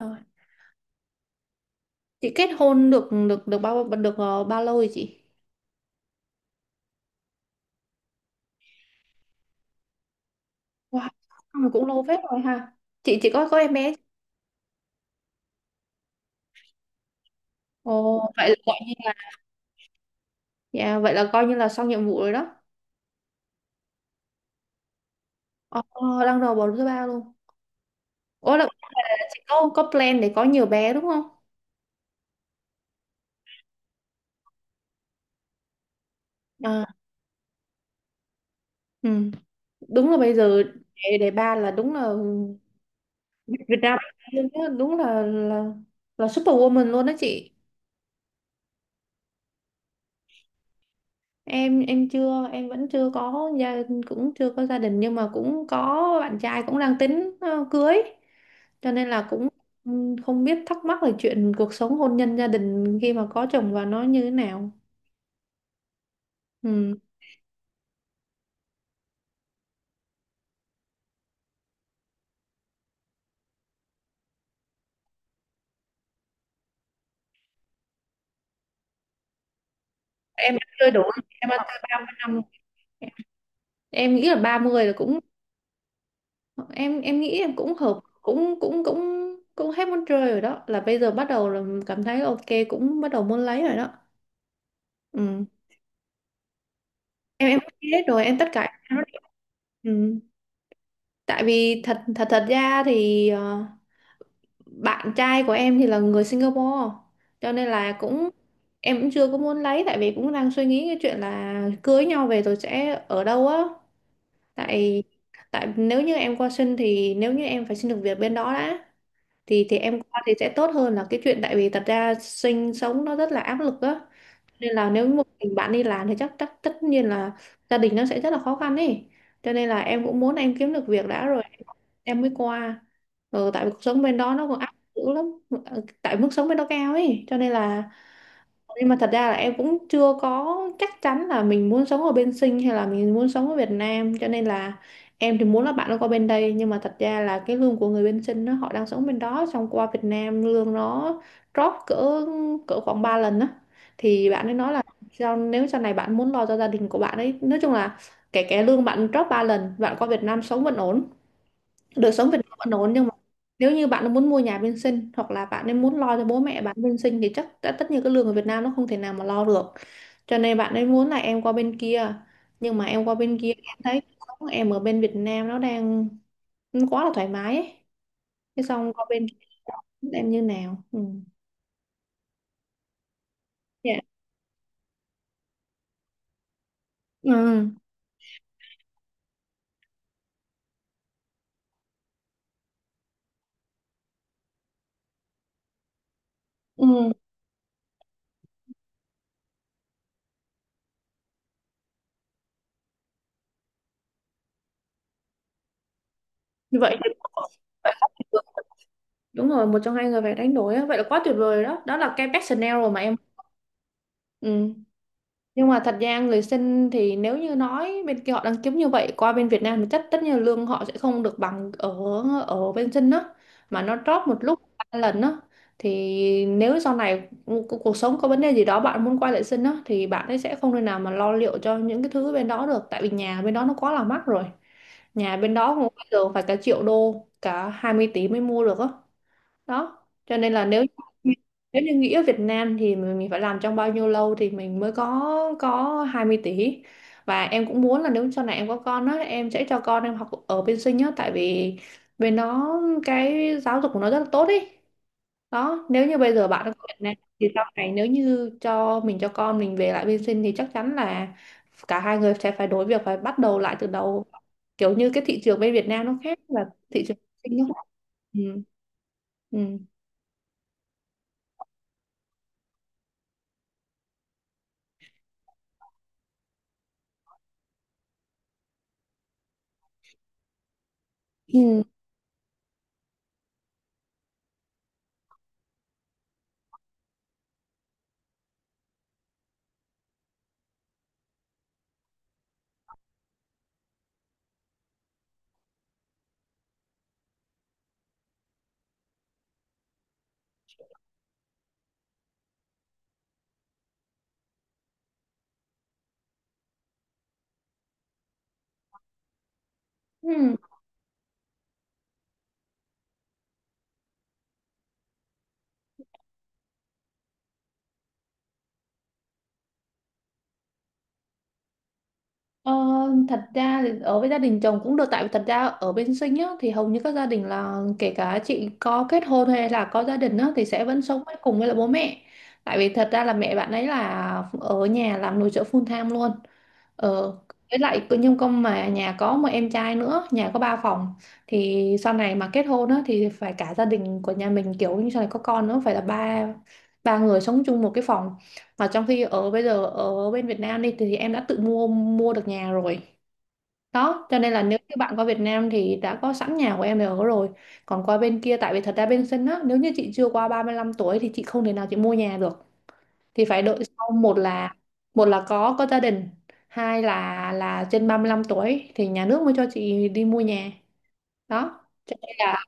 Rồi. Chị kết hôn được được được bao được ờ, bao lâu rồi chị? Wow, cũng lâu phết rồi ha. Chị có em bé chưa? Ồ, vậy là gọi như là. Dạ, vậy là coi như là xong nhiệm vụ rồi đó. Ồ, đang đầu bầu thứ ba luôn. Ủa là, chị có plan để có nhiều bé đúng không? À, ừ. Đúng là bây giờ để ba là đúng là Việt Việt Nam đúng là superwoman luôn đó chị. Em chưa em vẫn chưa có gia, cũng chưa có gia đình nhưng mà cũng có bạn trai, cũng đang tính cưới, cho nên là cũng ừ, không biết, thắc mắc về chuyện cuộc sống hôn nhân gia đình khi mà có chồng và nó như thế nào. Ừ. Em đã chưa đủ, em đã từ 30 năm, em nghĩ là 30 là cũng em nghĩ em cũng hợp cũng cũng hết muốn chơi rồi đó, là bây giờ bắt đầu là cảm thấy ok, cũng bắt đầu muốn lấy rồi đó. Ừ. em hết rồi, em tất cả em nói- ừ. Tại vì thật thật thật ra thì bạn trai của em thì là người Singapore, cho nên là cũng em cũng chưa có muốn lấy, tại vì cũng đang suy nghĩ cái chuyện là cưới nhau về rồi sẽ ở đâu á. Tại, tại nếu như em qua sinh thì nếu như em phải xin được việc bên đó đã, thì em qua thì sẽ tốt hơn là cái chuyện, tại vì thật ra sinh sống nó rất là áp lực á, nên là nếu một mình bạn đi làm thì chắc chắc tất nhiên là gia đình nó sẽ rất là khó khăn ấy. Cho nên là em cũng muốn em kiếm được việc đã rồi em mới qua. Ừ, tại vì cuộc sống bên đó nó còn áp lực dữ lắm. Ờ, tại mức sống bên đó cao ấy, cho nên là nhưng mà thật ra là em cũng chưa có chắc chắn là mình muốn sống ở bên Sinh hay là mình muốn sống ở Việt Nam, cho nên là em thì muốn là bạn nó qua bên đây. Nhưng mà thật ra là cái lương của người bên Sinh, nó họ đang sống bên đó xong qua Việt Nam lương nó drop cỡ cỡ khoảng 3 lần á. Thì bạn ấy nói là sao nếu sau này bạn muốn lo cho gia đình của bạn ấy, nói chung là kể cả lương bạn drop 3 lần, bạn qua Việt Nam sống vẫn ổn, đời sống Việt Nam vẫn ổn. Nhưng mà nếu như bạn muốn mua nhà bên sinh hoặc là bạn ấy muốn lo cho bố mẹ bạn bên sinh thì chắc đã tất nhiên cái lương ở Việt Nam nó không thể nào mà lo được. Cho nên bạn ấy muốn là em qua bên kia, nhưng mà em qua bên kia em thấy cuộc sống em ở bên Việt Nam nó đang nó quá là thoải mái ấy, thế xong qua bên kia em như nào. Ừ. Dạ. Ừ. Ừ. Như vậy thì phải quá tuyệt vời. Đúng rồi, một trong hai người phải đánh đổi á. Vậy là quá tuyệt vời rồi đó, đó là cái best scenario mà em ừ. Nhưng mà thật ra người sinh thì nếu như nói bên kia họ đang kiếm như vậy qua bên Việt Nam thì chắc tất nhiên lương họ sẽ không được bằng ở ở bên sinh đó, mà nó drop một lúc 3 lần đó. Thì nếu sau này cuộc sống có vấn đề gì đó bạn muốn quay lại sinh đó thì bạn ấy sẽ không thể nào mà lo liệu cho những cái thứ bên đó được, tại vì nhà bên đó nó quá là mắc rồi. Nhà bên đó cũng bây giờ phải cả triệu đô, cả 20 tỷ mới mua được á. Đó, cho nên là nếu nếu như nghĩ ở Việt Nam thì mình phải làm trong bao nhiêu lâu thì mình mới có 20 tỷ. Và em cũng muốn là nếu sau này em có con á em sẽ cho con em học ở bên Sinh á, tại vì bên nó cái giáo dục của nó rất là tốt ấy. Đó, nếu như bây giờ bạn ở Việt Nam thì sau này nếu như cho mình cho con mình về lại bên Sinh thì chắc chắn là cả hai người sẽ phải đối việc phải bắt đầu lại từ đầu, kiểu như cái thị trường bên Việt Nam nó khác và thị trường Sinh nó khác. Ừ. Ừ. Ừ. Ừ. Ờ, thật ra thì ở với gia đình chồng cũng được, tại vì thật ra ở bên Sinh á, thì hầu như các gia đình là kể cả chị có kết hôn hay là có gia đình á, thì sẽ vẫn sống với cùng với lại bố mẹ. Tại vì thật ra là mẹ bạn ấy là ở nhà làm nội trợ full time luôn. Ờ, với lại nhưng con mà nhà có một em trai nữa, nhà có ba phòng, thì sau này mà kết hôn á thì phải cả gia đình của nhà mình, kiểu như sau này có con nữa phải là ba ba người sống chung một cái phòng. Mà trong khi ở bây giờ ở bên Việt Nam đi thì em đã tự mua mua được nhà rồi. Đó, cho nên là nếu như bạn qua Việt Nam thì đã có sẵn nhà của em để ở rồi. Còn qua bên kia, tại vì thật ra bên sân á, nếu như chị chưa qua 35 tuổi thì chị không thể nào chị mua nhà được, thì phải đợi sau, một là có gia đình, hai là trên 35 tuổi thì nhà nước mới cho chị đi mua nhà đó. Cho nên là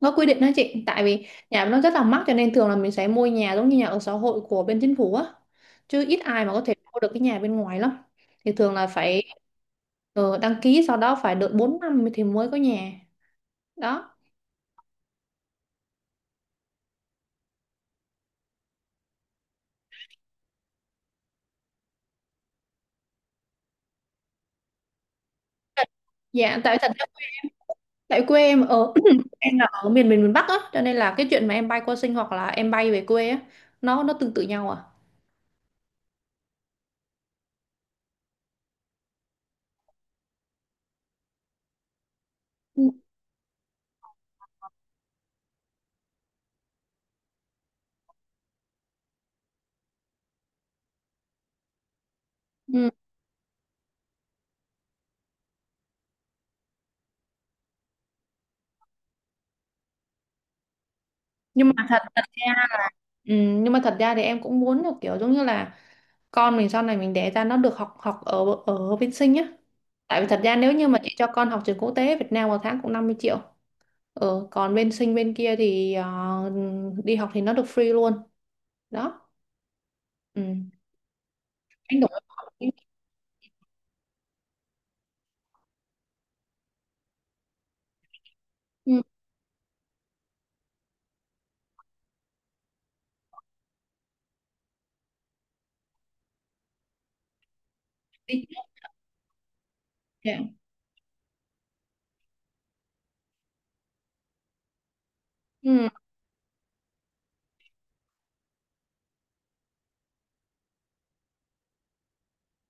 nó quy định đó chị, tại vì nhà nó rất là mắc, cho nên thường là mình sẽ mua nhà giống như nhà ở xã hội của bên chính phủ á, chứ ít ai mà có thể mua được cái nhà bên ngoài lắm. Thì thường là phải đăng ký, sau đó phải đợi 4 năm thì mới có nhà đó. Dạ tại thật, tại quê em ở em là ở miền miền miền Bắc á, cho nên là cái chuyện mà em bay qua Sinh hoặc là em bay về quê á, nó tương tự nhau à. Ừ. Ừ. Nhưng mà thật thật ra, ừ, nhưng mà thật ra thì em cũng muốn là kiểu giống như là con mình sau này mình đẻ ra nó được học học ở ở bên Sinh nhá. Tại vì thật ra nếu như mà chị cho con học trường quốc tế Việt Nam một tháng cũng 50 triệu. Ừ, còn bên Sinh bên kia thì đi học thì nó được free luôn. Đó. Ừ. Anh đổi học đi. Ừ. Đi. Dạ. Ừ.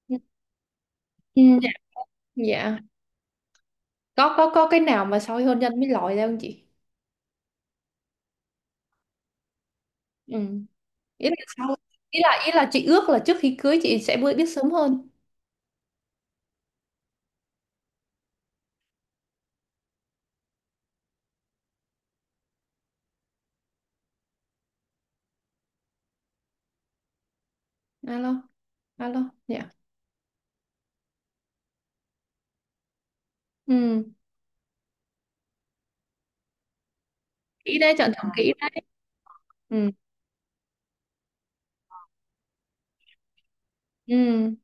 Ừ. Dạ. Dạ. Có có cái nào mà sau khi hôn nhân mới lòi ra không chị? Ừ, ý là sau, ý là chị ước là trước khi cưới chị sẽ biết biết sớm hơn. Alo? Alo, dạ. Ừ kỹ đấy, chọn chọn kỹ đấy. Ừ. Ừ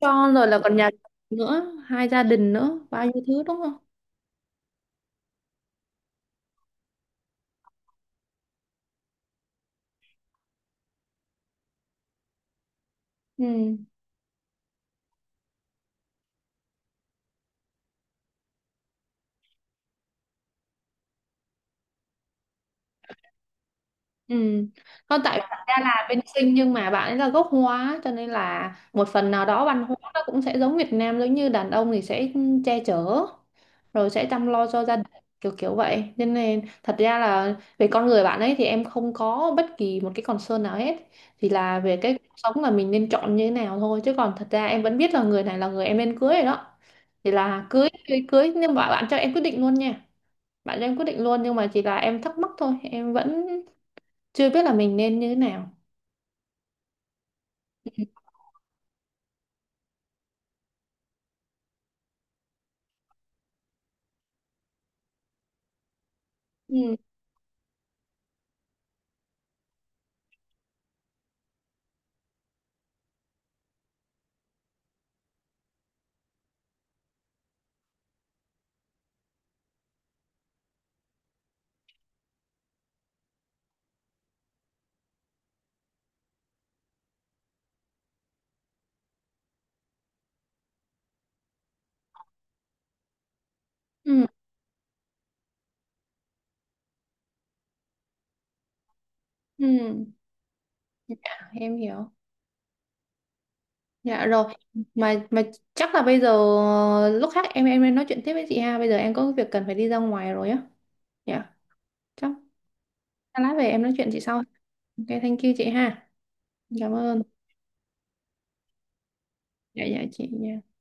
cho rồi, là còn nhà nữa, hai gia đình nữa, bao nhiêu thứ đúng không? Ừ. Ừ. Không, tại thật ra là bên Sinh nhưng mà bạn ấy là gốc Hóa, cho nên là một phần nào đó văn hóa nó cũng sẽ giống Việt Nam, giống như đàn ông thì sẽ che chở rồi sẽ chăm lo cho gia đình, kiểu kiểu vậy nên, nên thật ra là về con người bạn ấy thì em không có bất kỳ một cái concern nào hết. Thì là về cái cuộc sống là mình nên chọn như thế nào thôi, chứ còn thật ra em vẫn biết là người này là người em nên cưới rồi đó. Thì là cưới cưới cưới nhưng mà bạn cho em quyết định luôn nha, bạn cho em quyết định luôn, nhưng mà chỉ là em thắc mắc thôi, em vẫn chưa biết là mình nên như thế nào. Ừ. Ừ. Ừ. Dạ, em hiểu. Dạ rồi. Mà chắc là bây giờ lúc khác em nên nói chuyện tiếp với chị ha, bây giờ em có việc cần phải đi ra ngoài rồi á. Dạ. Chắc lát về em nói chuyện chị sau. Ok, thank you chị ha. Cảm ơn. Dạ dạ chị dạ.